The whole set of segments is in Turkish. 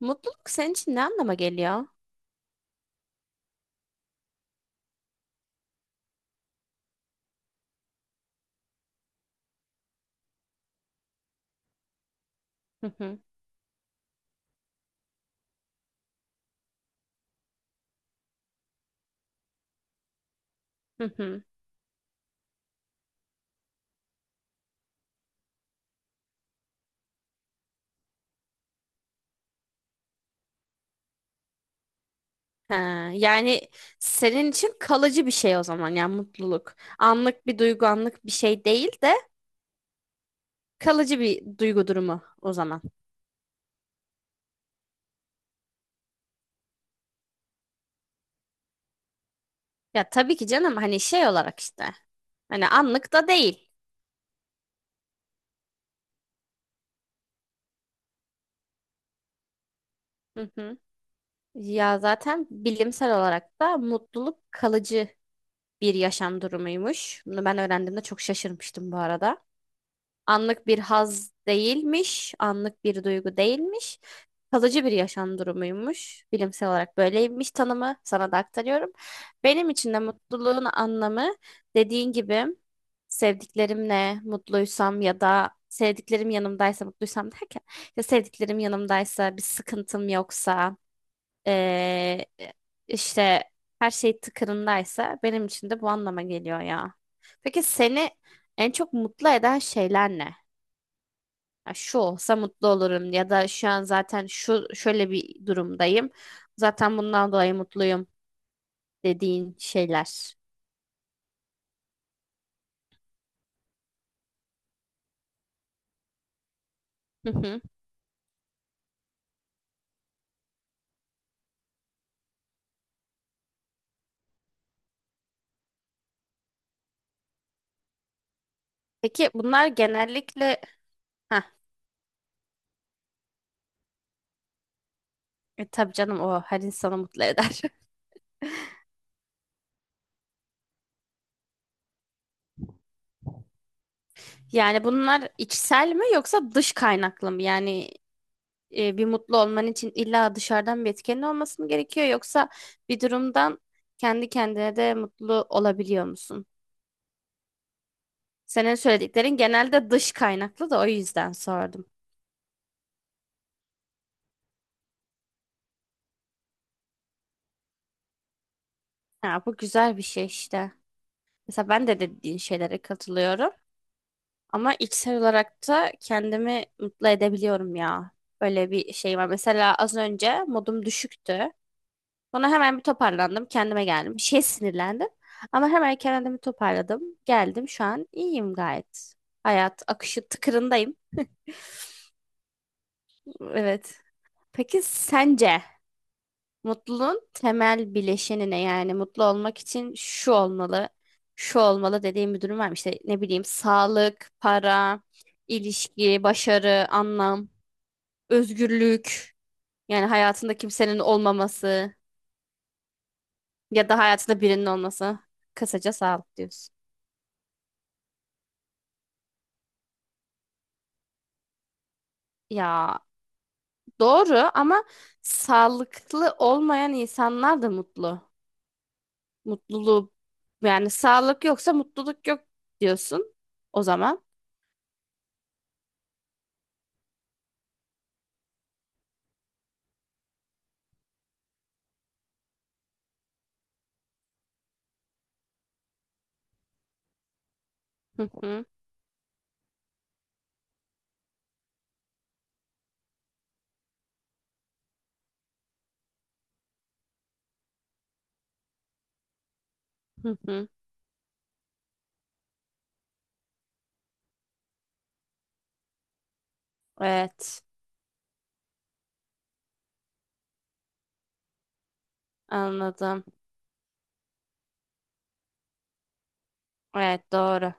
Mutluluk senin için ne anlama geliyor? Hı hı. Hı hı. Ha, yani senin için kalıcı bir şey o zaman yani mutluluk. Anlık bir duygu, anlık bir şey değil de kalıcı bir duygu durumu o zaman. Ya tabii ki canım hani şey olarak işte. Hani anlık da değil. Hı hı. Ya zaten bilimsel olarak da mutluluk kalıcı bir yaşam durumuymuş. Bunu ben öğrendiğimde çok şaşırmıştım bu arada. Anlık bir haz değilmiş, anlık bir duygu değilmiş. Kalıcı bir yaşam durumuymuş. Bilimsel olarak böyleymiş tanımı. Sana da aktarıyorum. Benim için de mutluluğun anlamı dediğin gibi sevdiklerimle mutluysam ya da sevdiklerim yanımdaysa mutluysam derken ya sevdiklerim yanımdaysa bir sıkıntım yoksa eee, işte her şey tıkırındaysa benim için de bu anlama geliyor ya. Peki seni en çok mutlu eden şeyler ne? Ya şu olsa mutlu olurum ya da şu an zaten şu şöyle bir durumdayım. Zaten bundan dolayı mutluyum dediğin şeyler. Hı hı. Peki bunlar genellikle ha tabii canım o her insanı mutlu eder. Yani bunlar içsel mi yoksa dış kaynaklı mı? Yani bir mutlu olman için illa dışarıdan bir etkenin olması mı gerekiyor yoksa bir durumdan kendi kendine de mutlu olabiliyor musun? Senin söylediklerin genelde dış kaynaklı da o yüzden sordum. Ya bu güzel bir şey işte. Mesela ben de dediğin şeylere katılıyorum. Ama içsel olarak da kendimi mutlu edebiliyorum ya. Böyle bir şey var. Mesela az önce modum düşüktü. Sonra hemen bir toparlandım. Kendime geldim. Bir şeye sinirlendim. Ama hemen kendimi toparladım. Geldim şu an iyiyim gayet. Hayat akışı tıkırındayım. Evet. Peki sence? Mutluluğun temel bileşenine yani mutlu olmak için şu olmalı, şu olmalı dediğim bir durum var mı? İşte ne bileyim sağlık, para, ilişki, başarı, anlam, özgürlük. Yani hayatında kimsenin olmaması ya da hayatında birinin olması. Kısaca sağlık diyorsun. Ya doğru ama sağlıklı olmayan insanlar da mutlu. Mutluluğu yani sağlık yoksa mutluluk yok diyorsun o zaman. Hı hı, hı hı. Evet, anladım. Evet, doğru.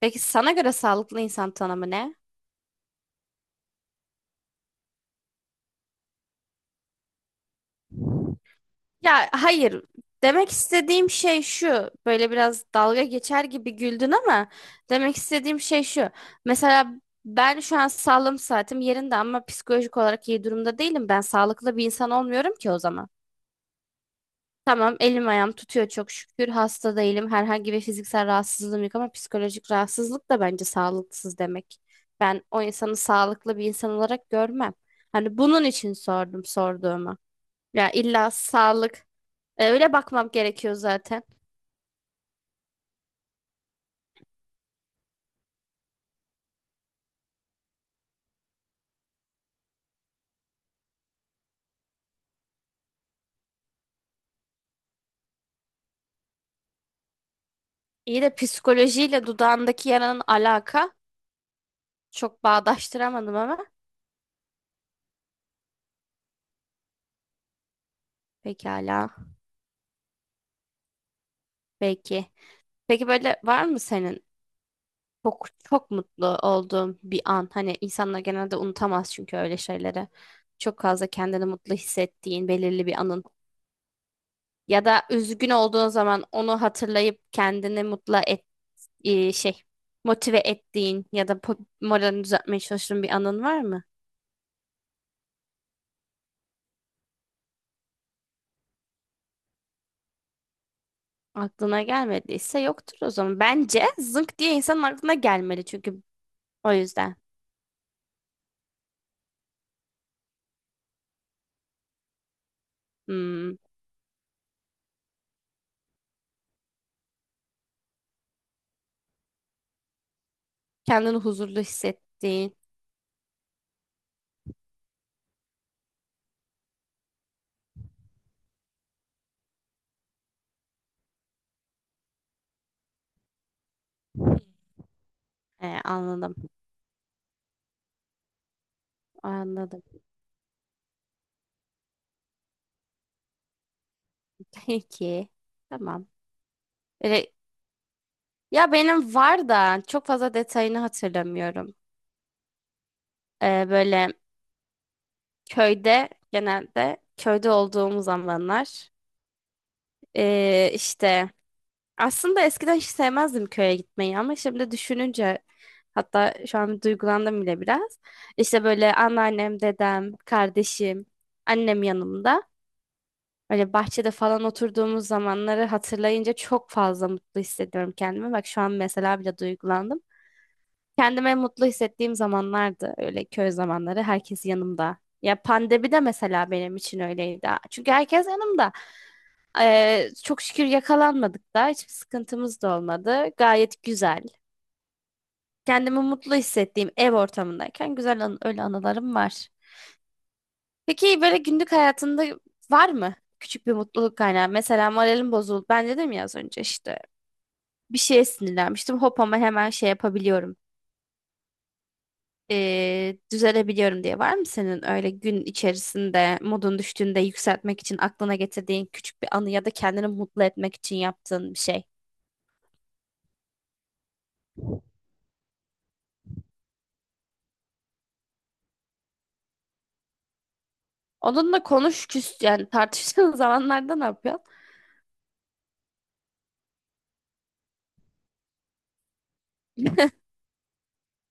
Peki sana göre sağlıklı insan tanımı ne? Ya hayır. Demek istediğim şey şu. Böyle biraz dalga geçer gibi güldün ama demek istediğim şey şu. Mesela ben şu an sağlığım saatim yerinde ama psikolojik olarak iyi durumda değilim. Ben sağlıklı bir insan olmuyorum ki o zaman. Tamam, elim ayağım tutuyor çok şükür. Hasta değilim. Herhangi bir fiziksel rahatsızlığım yok ama psikolojik rahatsızlık da bence sağlıksız demek. Ben o insanı sağlıklı bir insan olarak görmem. Hani bunun için sordum sorduğumu. Ya illa sağlık öyle bakmam gerekiyor zaten. İyi de psikolojiyle dudağındaki yaranın alaka çok bağdaştıramadım ama pekala. Peki Peki böyle var mı senin çok çok mutlu olduğum bir an. Hani insanlar genelde unutamaz çünkü öyle şeyleri. Çok fazla kendini mutlu hissettiğin belirli bir anın. Ya da üzgün olduğun zaman onu hatırlayıp kendini mutlu et, e, şey motive ettiğin ya da moralini düzeltmeye çalıştığın bir anın var mı? Aklına gelmediyse yoktur o zaman. Bence zınk diye insanın aklına gelmeli çünkü o yüzden. Hmm. Kendini huzurlu hissettiğin. He, anladım. Anladım. Peki. Tamam. Böyle- ya benim var da çok fazla detayını hatırlamıyorum. Böyle köyde genelde köyde olduğum zamanlar işte aslında eskiden hiç sevmezdim köye gitmeyi ama şimdi düşününce hatta şu an duygulandım bile biraz. İşte böyle anneannem, dedem, kardeşim, annem yanımda. Böyle bahçede falan oturduğumuz zamanları hatırlayınca çok fazla mutlu hissediyorum kendimi. Bak şu an mesela bile duygulandım. Kendime mutlu hissettiğim zamanlardı öyle köy zamanları herkes yanımda. Ya pandemi de mesela benim için öyleydi. Çünkü herkes yanımda. Çok şükür yakalanmadık da hiçbir sıkıntımız da olmadı. Gayet güzel. Kendimi mutlu hissettiğim ev ortamındayken güzel an öyle anılarım var. Peki böyle günlük hayatında var mı küçük bir mutluluk kaynağı? Mesela moralim bozuldu. Ben dedim ya az önce işte bir şeye sinirlenmiştim. Hop ama hemen şey yapabiliyorum. Düzelebiliyorum diye var mı senin öyle gün içerisinde modun düştüğünde yükseltmek için aklına getirdiğin küçük bir anı ya da kendini mutlu etmek için yaptığın bir şey? Onunla konuş küs yani tartıştığın zamanlarda ne yapıyorsun?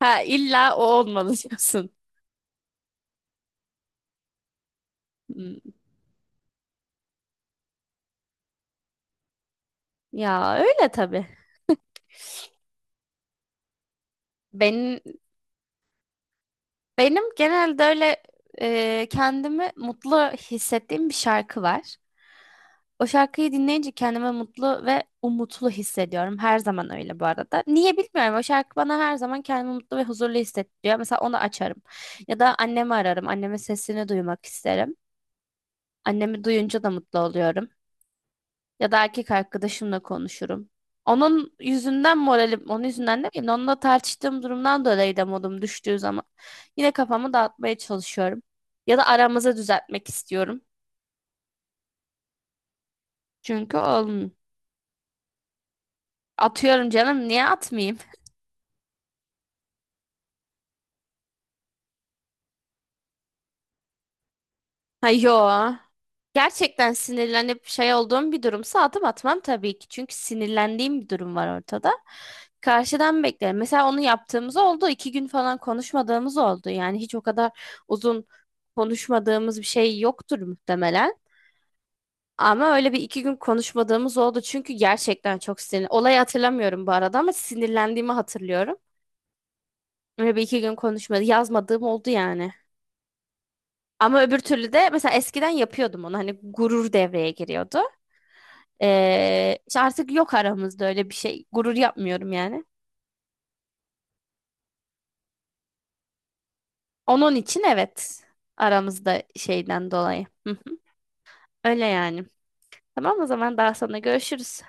Ha illa o olmalı diyorsun. Hmm. Ya öyle tabii. Benim Benim genelde öyle kendimi mutlu hissettiğim bir şarkı var. O şarkıyı dinleyince kendimi mutlu ve umutlu hissediyorum. Her zaman öyle bu arada. Niye bilmiyorum. O şarkı bana her zaman kendimi mutlu ve huzurlu hissettiriyor. Mesela onu açarım. Ya da annemi ararım. Annemin sesini duymak isterim. Annemi duyunca da mutlu oluyorum. Ya da erkek arkadaşımla konuşurum. Onun yüzünden moralim, onun yüzünden değil, onunla tartıştığım durumdan dolayı da modum düştüğü zaman yine kafamı dağıtmaya çalışıyorum. Ya da aramızı düzeltmek istiyorum. Çünkü oğlum atıyorum canım niye atmayayım? Ha yo. Gerçekten sinirlenip şey olduğum bir durumsa adım atmam tabii ki. Çünkü sinirlendiğim bir durum var ortada. Karşıdan beklerim. Mesela onu yaptığımız oldu. İki gün falan konuşmadığımız oldu. Yani hiç o kadar uzun konuşmadığımız bir şey yoktur muhtemelen. Ama öyle bir iki gün konuşmadığımız oldu. Çünkü gerçekten çok sinir. Olayı hatırlamıyorum bu arada ama sinirlendiğimi hatırlıyorum. Öyle bir iki gün konuşmadı, yazmadığım oldu yani. Ama öbür türlü de mesela eskiden yapıyordum onu. Hani gurur devreye giriyordu. İşte artık yok aramızda öyle bir şey. Gurur yapmıyorum yani. Onun için evet. Aramızda şeyden dolayı. Hı hı. Öyle yani. Tamam o zaman daha sonra görüşürüz.